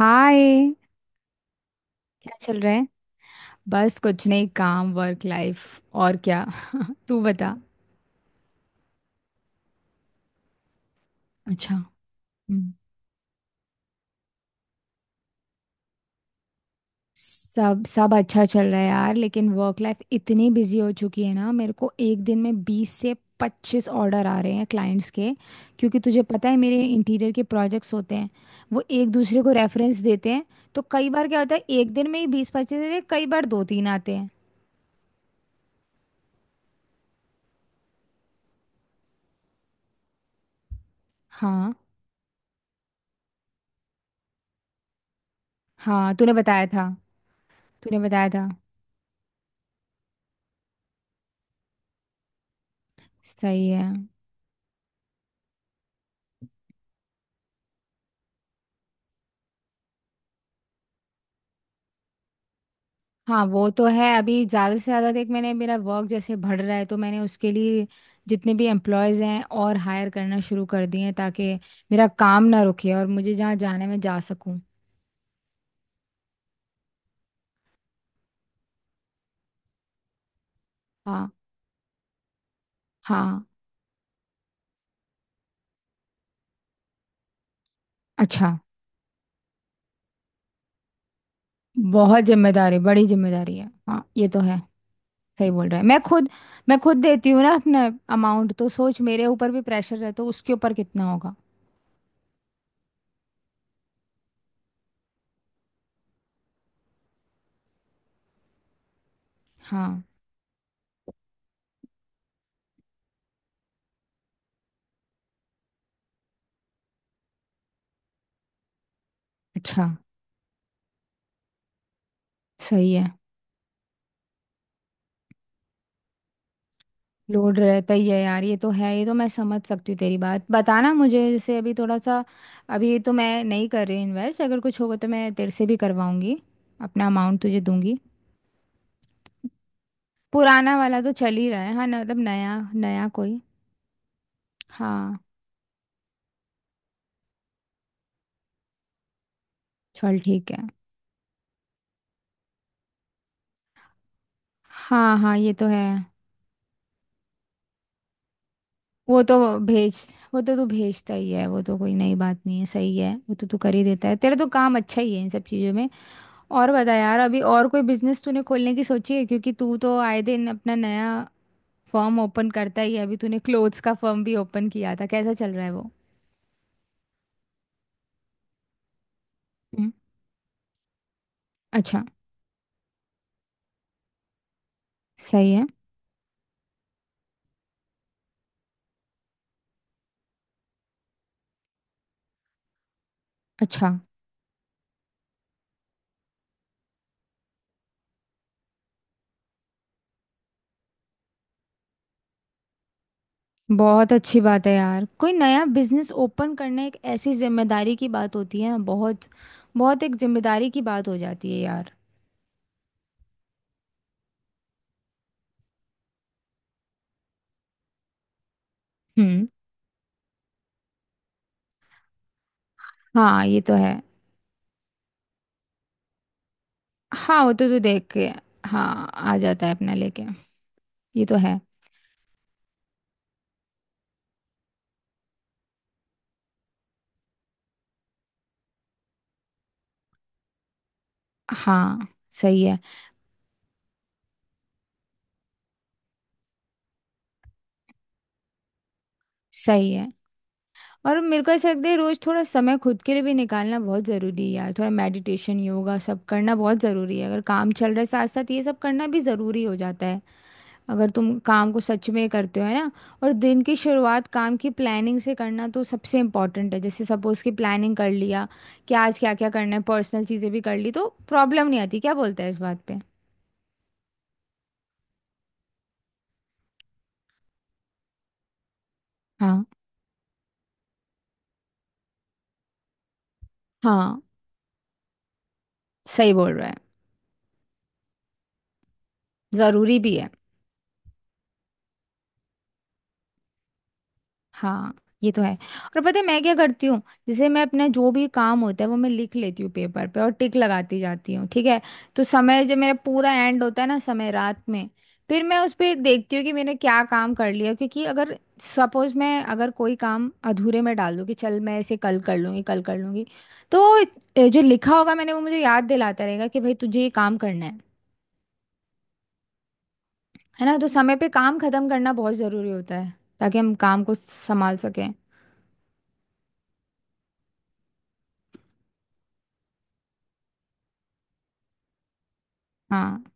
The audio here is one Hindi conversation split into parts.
हाय। क्या चल रहा है? बस कुछ नहीं, काम, वर्क लाइफ। और क्या? तू बता। अच्छा। हम्म। सब सब अच्छा चल रहा है यार, लेकिन वर्क लाइफ इतनी बिजी हो चुकी है ना। मेरे को एक दिन में 20 से 25 ऑर्डर आ रहे हैं क्लाइंट्स के। क्योंकि तुझे पता है मेरे इंटीरियर के प्रोजेक्ट्स होते हैं, वो एक दूसरे को रेफरेंस देते हैं। तो कई बार क्या होता है, एक दिन में ही 20-25 देते हैं, कई बार दो तीन आते हैं। हाँ हाँ, तूने बताया था। तूने बताया था। सही है। हाँ, वो तो है। अभी ज़्यादा से ज़्यादा देख, मैंने मेरा वर्क जैसे बढ़ रहा है तो मैंने उसके लिए जितने भी एम्प्लॉयज़ हैं और हायर करना शुरू कर दिए हैं, ताकि मेरा काम ना रुके और मुझे जहाँ जाने में जा सकूँ। हाँ हाँ। अच्छा। बहुत जिम्मेदारी, बड़ी जिम्मेदारी है, हाँ ये तो है। सही बोल रहा है। मैं खुद देती हूँ ना अपना अमाउंट, तो सोच मेरे ऊपर भी प्रेशर है तो उसके ऊपर कितना होगा। हाँ। अच्छा। सही है। लोड रहता ही है यार, ये तो है। ये तो मैं समझ सकती हूँ तेरी बात। बताना मुझे, जैसे अभी थोड़ा सा अभी तो मैं नहीं कर रही इन्वेस्ट, अगर कुछ होगा तो मैं तेरे से भी करवाऊंगी। अपना अमाउंट तुझे दूंगी। पुराना वाला तो चल ही रहा है। हाँ मतलब नया नया कोई। हाँ। चल ठीक है। हाँ हाँ ये तो है। वो तो भेज, वो तो तू भेजता ही है, वो तो कोई नई बात नहीं है। सही है, वो तो तू कर ही देता है। तेरा तो काम अच्छा ही है इन सब चीज़ों में। और बता यार, अभी और कोई बिजनेस तूने खोलने की सोची है? क्योंकि तू तो आए दिन अपना नया फर्म ओपन करता ही है। अभी तूने क्लोथ्स का फर्म भी ओपन किया था, कैसा चल रहा है वो? हम्म। अच्छा। सही है। अच्छा। बहुत अच्छी बात है यार, कोई नया बिजनेस ओपन करना एक ऐसी जिम्मेदारी की बात होती है। बहुत बहुत एक जिम्मेदारी की बात हो जाती है यार। हम्म। हाँ ये तो है। हाँ वो तो तू देख के, हाँ आ जाता है अपना लेके। ये तो है। हाँ सही है सही है। और मेरे को ऐसा लगता है, रोज थोड़ा समय खुद के लिए भी निकालना बहुत ज़रूरी है यार। थोड़ा मेडिटेशन योगा सब करना बहुत ज़रूरी है। अगर काम चल रहा है साथ साथ, ये सब करना भी ज़रूरी हो जाता है। अगर तुम काम को सच में करते हो, है ना? और दिन की शुरुआत काम की प्लानिंग से करना तो सबसे इम्पोर्टेंट है। जैसे सपोज़ कि प्लानिंग कर लिया कि आज क्या क्या करना है, पर्सनल चीज़ें भी कर ली, तो प्रॉब्लम नहीं आती। क्या बोलते हैं इस बात पे? हाँ हाँ। सही बोल रहा है। ज़रूरी भी है। हाँ ये तो है। और पता है मैं क्या करती हूँ? जैसे मैं अपना जो भी काम होता है वो मैं लिख लेती हूँ पेपर पे, और टिक लगाती जाती हूँ। ठीक है। तो समय जब मेरा पूरा एंड होता है ना, समय रात में, फिर मैं उस पर देखती हूँ कि मैंने क्या काम कर लिया। क्योंकि अगर सपोज मैं अगर कोई काम अधूरे में डाल दूँ कि चल मैं इसे कल कर लूँगी, कल कर लूँगी, तो जो लिखा होगा मैंने वो मुझे याद दिलाता रहेगा कि भाई तुझे ये काम करना है। है ना? तो समय पे काम खत्म करना बहुत ज़रूरी होता है, ताकि हम काम को संभाल सकें। हाँ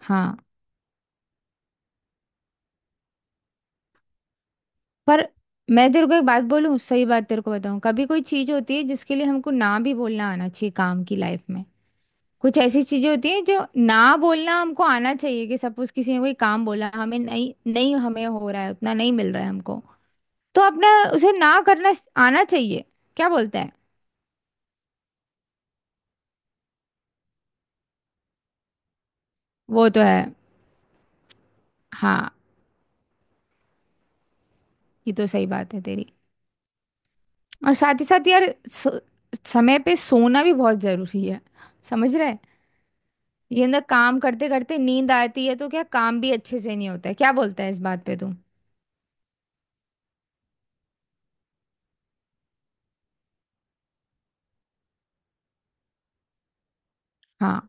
हाँ। पर मैं तेरे को एक बात बोलूं, सही बात तेरे को बताऊं, कभी कोई चीज होती है जिसके लिए हमको ना भी बोलना आना चाहिए काम की लाइफ में। कुछ ऐसी चीजें होती हैं जो ना बोलना हमको आना चाहिए। कि सपोज किसी ने कोई काम बोला, हमें नहीं, नहीं हमें हो रहा है, उतना नहीं मिल रहा है हमको, तो अपना उसे ना करना आना चाहिए। क्या बोलता है? वो तो है। हाँ ये तो सही बात है तेरी। और साथ ही साथ यार समय पे सोना भी बहुत जरूरी है। समझ रहा है? ये ना, काम करते करते नींद आती है तो क्या काम भी अच्छे से नहीं होता है। क्या बोलता है इस बात पे तुम? हाँ।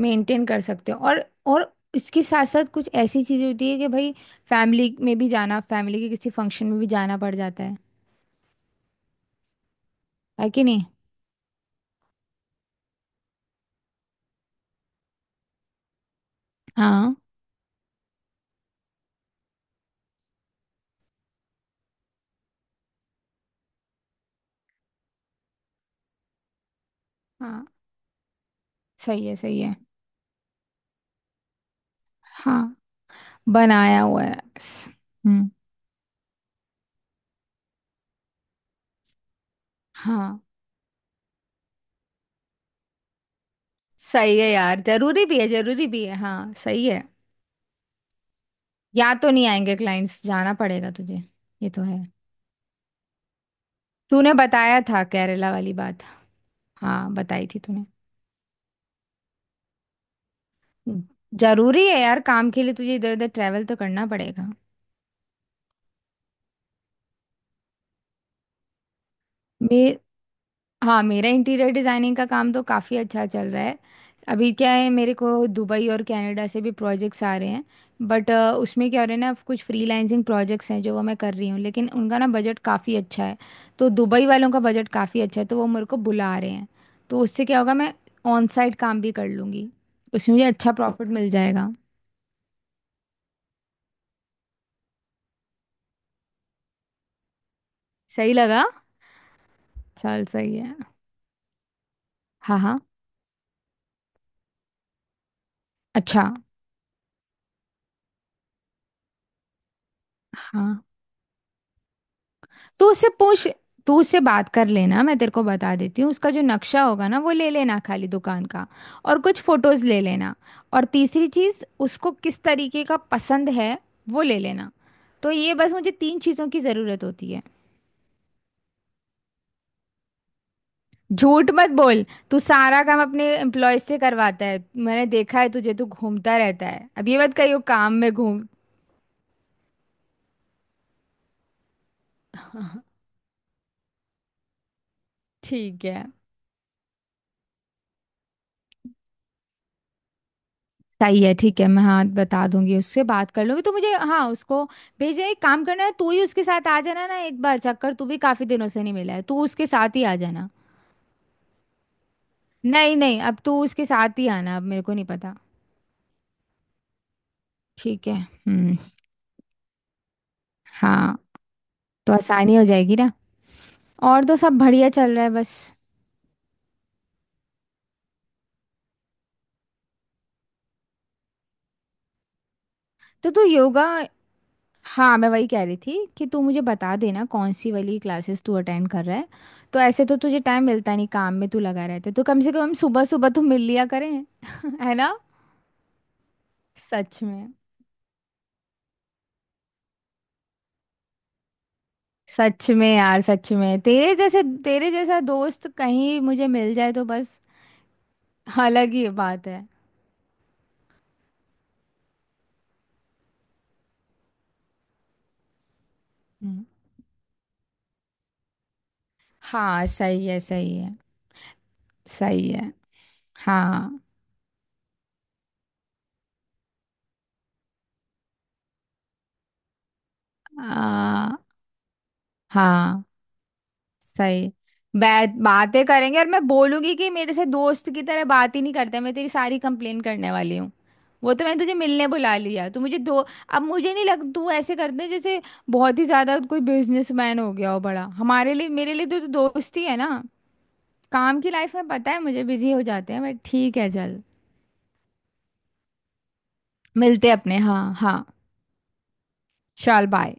मेंटेन कर सकते हो। और इसके साथ साथ कुछ ऐसी चीजें होती है कि भाई, फैमिली में भी जाना, फैमिली के किसी फंक्शन में भी जाना पड़ जाता है। है कि नहीं? हाँ हाँ। सही है सही है। हाँ। बनाया हुआ है हम्म। हाँ सही है यार, जरूरी भी है जरूरी भी है। हाँ सही है। या तो नहीं आएंगे क्लाइंट्स, जाना पड़ेगा तुझे। ये तो है। तूने बताया था केरला वाली बात। हाँ बताई थी तूने। जरूरी है यार, काम के लिए तुझे इधर उधर ट्रैवल तो करना पड़ेगा। मेर हाँ, मेरा इंटीरियर डिजाइनिंग का काम तो काफी अच्छा चल रहा है। अभी क्या है, मेरे को दुबई और कनाडा से भी प्रोजेक्ट्स आ रहे हैं। बट उसमें क्या हो रहा है ना, कुछ फ्रीलांसिंग प्रोजेक्ट्स हैं जो वो मैं कर रही हूँ, लेकिन उनका ना बजट काफ़ी अच्छा है। तो दुबई वालों का बजट काफ़ी अच्छा है तो वो मेरे को बुला रहे हैं। तो उससे क्या होगा, मैं ऑन साइट काम भी कर लूँगी। उसमें मुझे अच्छा प्रॉफिट मिल जाएगा। सही लगा। चल सही है। हाँ हाँ। अच्छा। हाँ, तो उससे पूछ, तू उससे बात कर लेना, मैं तेरे को बता देती हूँ। उसका जो नक्शा होगा ना, वो ले लेना खाली दुकान का। और कुछ फोटोज ले लेना। और तीसरी चीज़ उसको किस तरीके का पसंद है वो ले लेना। तो ये बस मुझे तीन चीज़ों की ज़रूरत होती है। झूठ मत बोल, तू सारा काम अपने एम्प्लॉय से करवाता है, मैंने देखा है तुझे, तू घूमता रहता है। अब ये मत कहियो काम में घूम। ठीक है। सही है। ठीक है, मैं हाँ बता दूंगी, उससे बात कर लूंगी तो मुझे हाँ उसको भेजना। एक काम करना है, तू ही उसके साथ आ जाना ना एक बार चक्कर, तू भी काफी दिनों से नहीं मिला है, तू उसके साथ ही आ जाना। नहीं नहीं, अब तू उसके साथ ही आना, अब मेरे को नहीं पता। ठीक है। हम्म। हाँ, तो आसानी हो जाएगी ना। और तो सब बढ़िया चल रहा है बस। तो तू योगा, हाँ मैं वही कह रही थी कि तू मुझे बता देना कौन सी वाली क्लासेस तू अटेंड कर रहा है। तो ऐसे तो तुझे टाइम मिलता नहीं, काम में तू लगा रहता है, तो कम से कम सुबह सुबह तो मिल लिया करें। है ना? सच में। सच में यार, सच में, तेरे जैसे तेरे जैसा दोस्त कहीं मुझे मिल जाए तो बस, अलग ही बात है। हम्म। हाँ सही है। सही है। सही है। हाँ। आ, हाँ सही। बैठ बातें करेंगे, और मैं बोलूंगी कि मेरे से दोस्त की तरह बात ही नहीं करते, मैं तेरी सारी कंप्लेन करने वाली हूँ। वो तो मैंने तुझे मिलने बुला लिया, तू मुझे दो। अब मुझे नहीं लग, तू ऐसे करते जैसे बहुत ही ज्यादा कोई बिजनेसमैन हो गया हो बड़ा। हमारे लिए, मेरे लिए तो, दोस्त ही है ना? काम की लाइफ में पता है मुझे, बिजी हो जाते हैं बट ठीक है चल। मिलते हैं अपने। हाँ हाँ। चल बाय।